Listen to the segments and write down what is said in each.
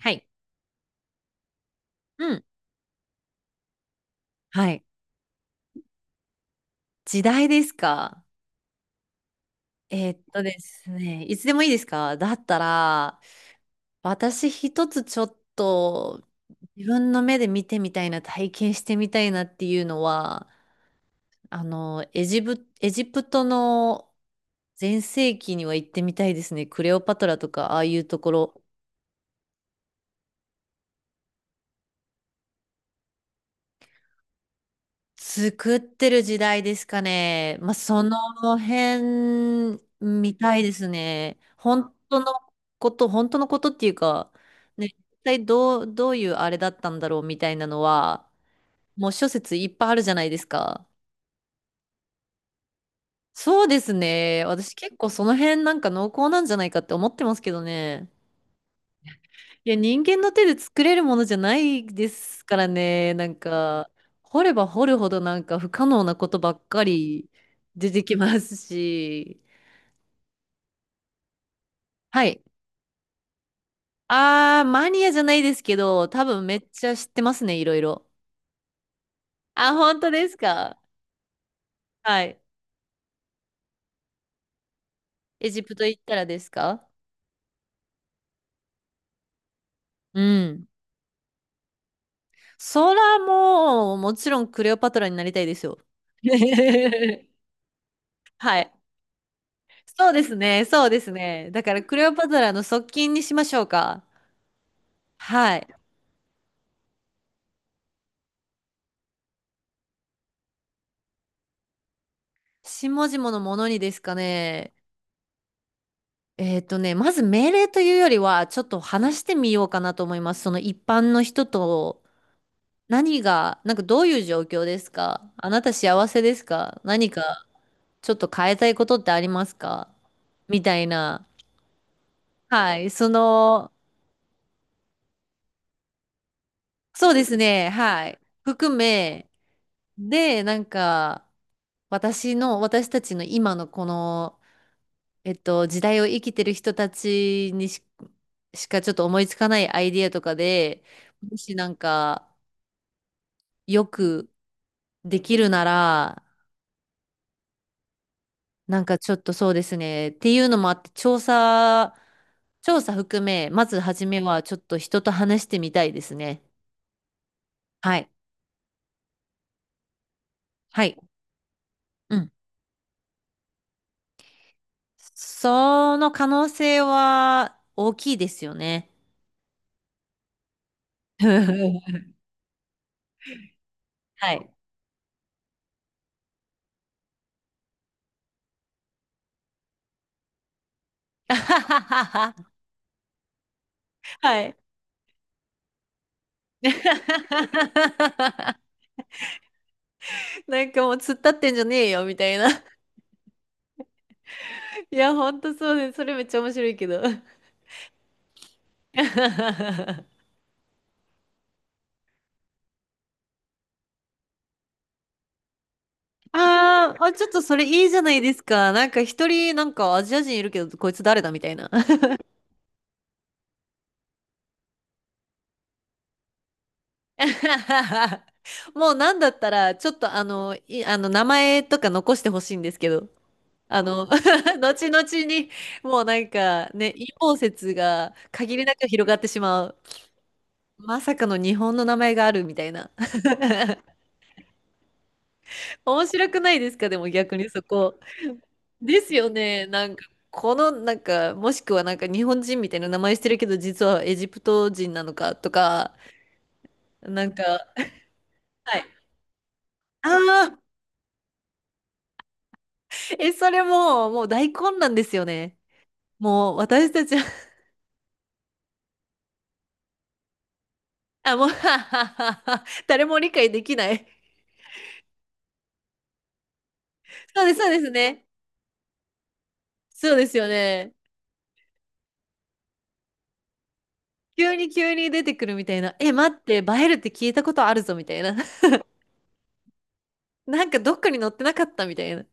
はい。うん。はい。時代ですか？えーっとですね、いつでもいいですかだったら、私一つちょっと自分の目で見てみたいな、体験してみたいなっていうのは、エジプトの全盛期には行ってみたいですね。クレオパトラとか、ああいうところ。作ってる時代ですかね。まあ、その辺みたいですね。本当のことっていうか、ね、一体どう、どういうあれだったんだろうみたいなのは、もう諸説いっぱいあるじゃないですか。そうですね。私結構その辺なんか濃厚なんじゃないかって思ってますけどね。いや、人間の手で作れるものじゃないですからね。なんか、掘れば掘るほどなんか不可能なことばっかり出てきますし。はい。あー、マニアじゃないですけど、多分めっちゃ知ってますね、いろいろ。あ、本当ですか？はい。エジプト行ったらですか？うん。そらもう、もちろんクレオパトラになりたいですよ。はい。そうですね、そうですね。だからクレオパトラの側近にしましょうか。はい。下々のものにですかね。えっとね、まず命令というよりは、ちょっと話してみようかなと思います。その一般の人と、なんかどういう状況ですか？あなた幸せですか？何かちょっと変えたいことってありますか？みたいな。はい。その、そうですね。はい。含め、で、なんか、私たちの今のこの、えっと、時代を生きてる人たちにし、しかちょっと思いつかないアイディアとかで、もしなんかよくできるなら、なんかちょっとそうですね。っていうのもあって、調査含め、まず初めはちょっと人と話してみたいですね。はい。はい。うん。その可能性は大きいですよね。はい。はい。なんかもう突っ立ってんじゃねえよみたいな。いや、ほんとそうです。それめっちゃ面白いけど。あーあ、ちょっとそれいいじゃないですか。なんか一人、なんかアジア人いるけど、こいつ誰だみたいな。もうなんだったら、ちょっとあの、い、あの、名前とか残してほしいんですけど、あの、後々に、もうなんかね、陰謀説が限りなく広がってしまう。まさかの日本の名前があるみたいな。面白くないですか？でも逆にそこ。ですよね。なんか、この、なんか、もしくはなんか日本人みたいな名前してるけど、実はエジプト人なのかとか、なんか、はい。ああ、え、それもう、もう大混乱ですよね。もう私たちは、はっはっはっは誰も理解できない。そうです、そうですね。そうですよね。急に急に出てくるみたいな。え、待って、バエルって聞いたことあるぞみたいな。なんかどっかに載ってなかったみたいな。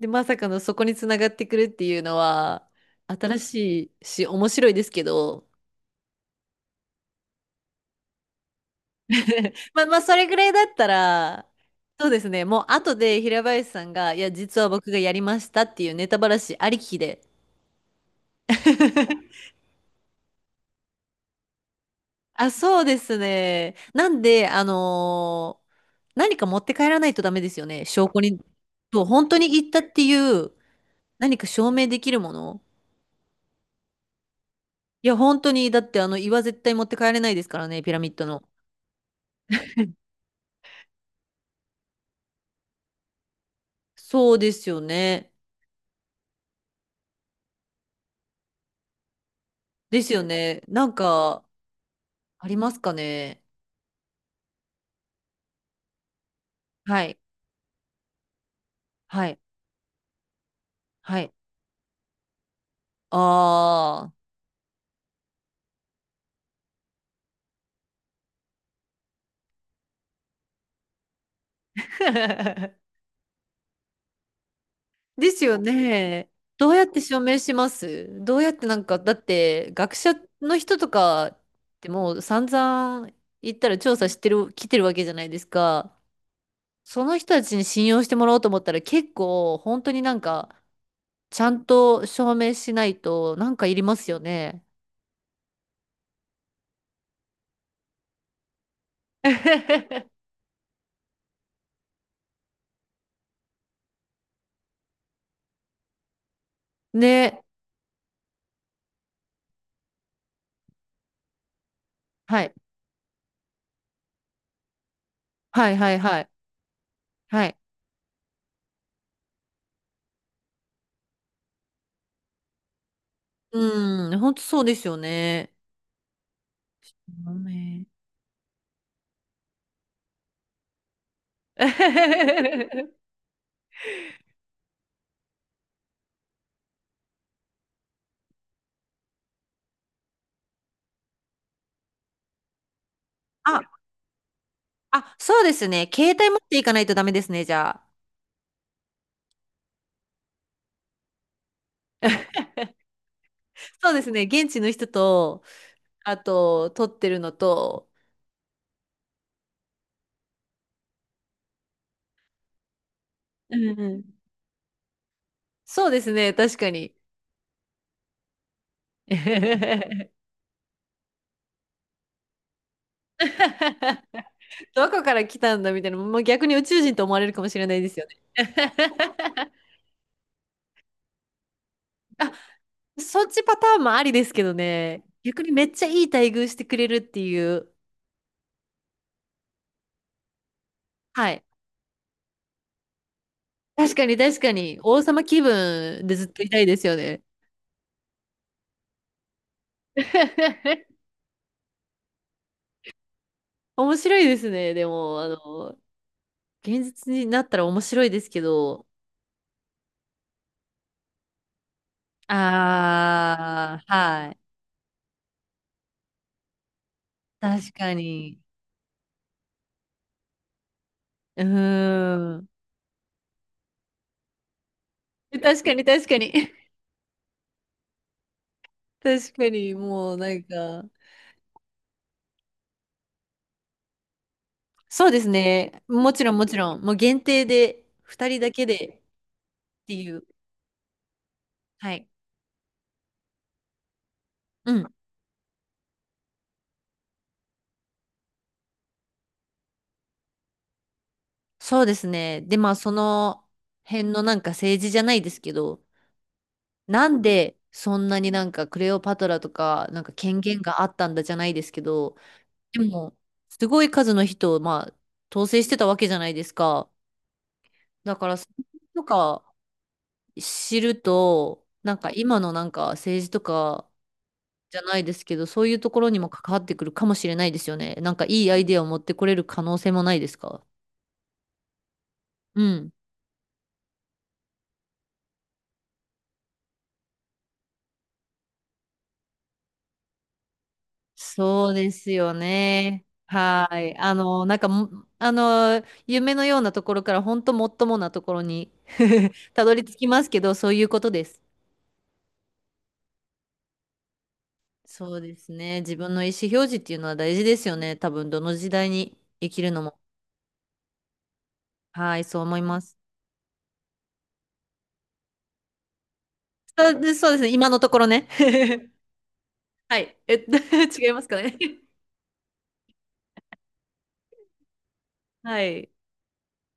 で、まさかのそこにつながってくるっていうのは、新しいし、面白いですけど、まあまあ、それぐらいだったら、そうですね、もう後で平林さんが、いや、実は僕がやりましたっていうネタばらしありきで。あ、そうですね。なんで、あのー何か持って帰らないとダメですよね。証拠に。そう、本当に言ったっていう何か証明できるもの。いや、本当に、だってあの、岩絶対持って帰れないですからね、ピラミッドの。そうですよね。ですよね。なんか、ありますかね。はい、はい、はい。ああ。ですよね。どうやって証明します？どうやってなんか、だって学者の人とかってもう散々言ったら調査してる、来てるわけじゃないですか。その人たちに信用してもらおうと思ったら結構本当になんか、ちゃんと証明しないとなんかいりますよね。ね。はい。はいはいはい。はいうん、本当そうですよね。ダメ あ、あ、そうですね。携帯持っていかないとダメですね、じゃあ。そうですね。現地の人と、あと、撮ってるのと、うんうん。そうですね、確かに。どこから来たんだみたいな、もう逆に宇宙人と思われるかもしれないですよね。そっちパターンもありですけどね、逆にめっちゃいい待遇してくれるっていう。はい。確かに確かに、王様気分でずっといたいですよね。面白いですね。でも、あの、現実になったら面白いですけど、あー、はい。確かに。うーん。確かに確かに。確かに、もうなんか、そうですね。もちろんもちろん、もう限定で、二人だけでっていう。はい。うん。そうですね。で、まあ、その辺のなんか政治じゃないですけど、なんでそんなになんかクレオパトラとかなんか権限があったんだじゃないですけど、でもすごい数の人をまあ統制してたわけじゃないですか。だからそれとか知ると、なんか今のなんか政治とかじゃないですけど、そういうところにも関わってくるかもしれないですよね。なんかいいアイデアを持ってこれる可能性もないですか？うん。そうですよね。はい。あの、なんかも、あの、夢のようなところから、本当もっともなところに たどり着きますけど、そういうことです。そうですね。自分の意思表示っていうのは大事ですよね。多分、どの時代に生きるのも。はい、そう思います。そうでそうですね。今のところね。はい。え、違いますかね。はい。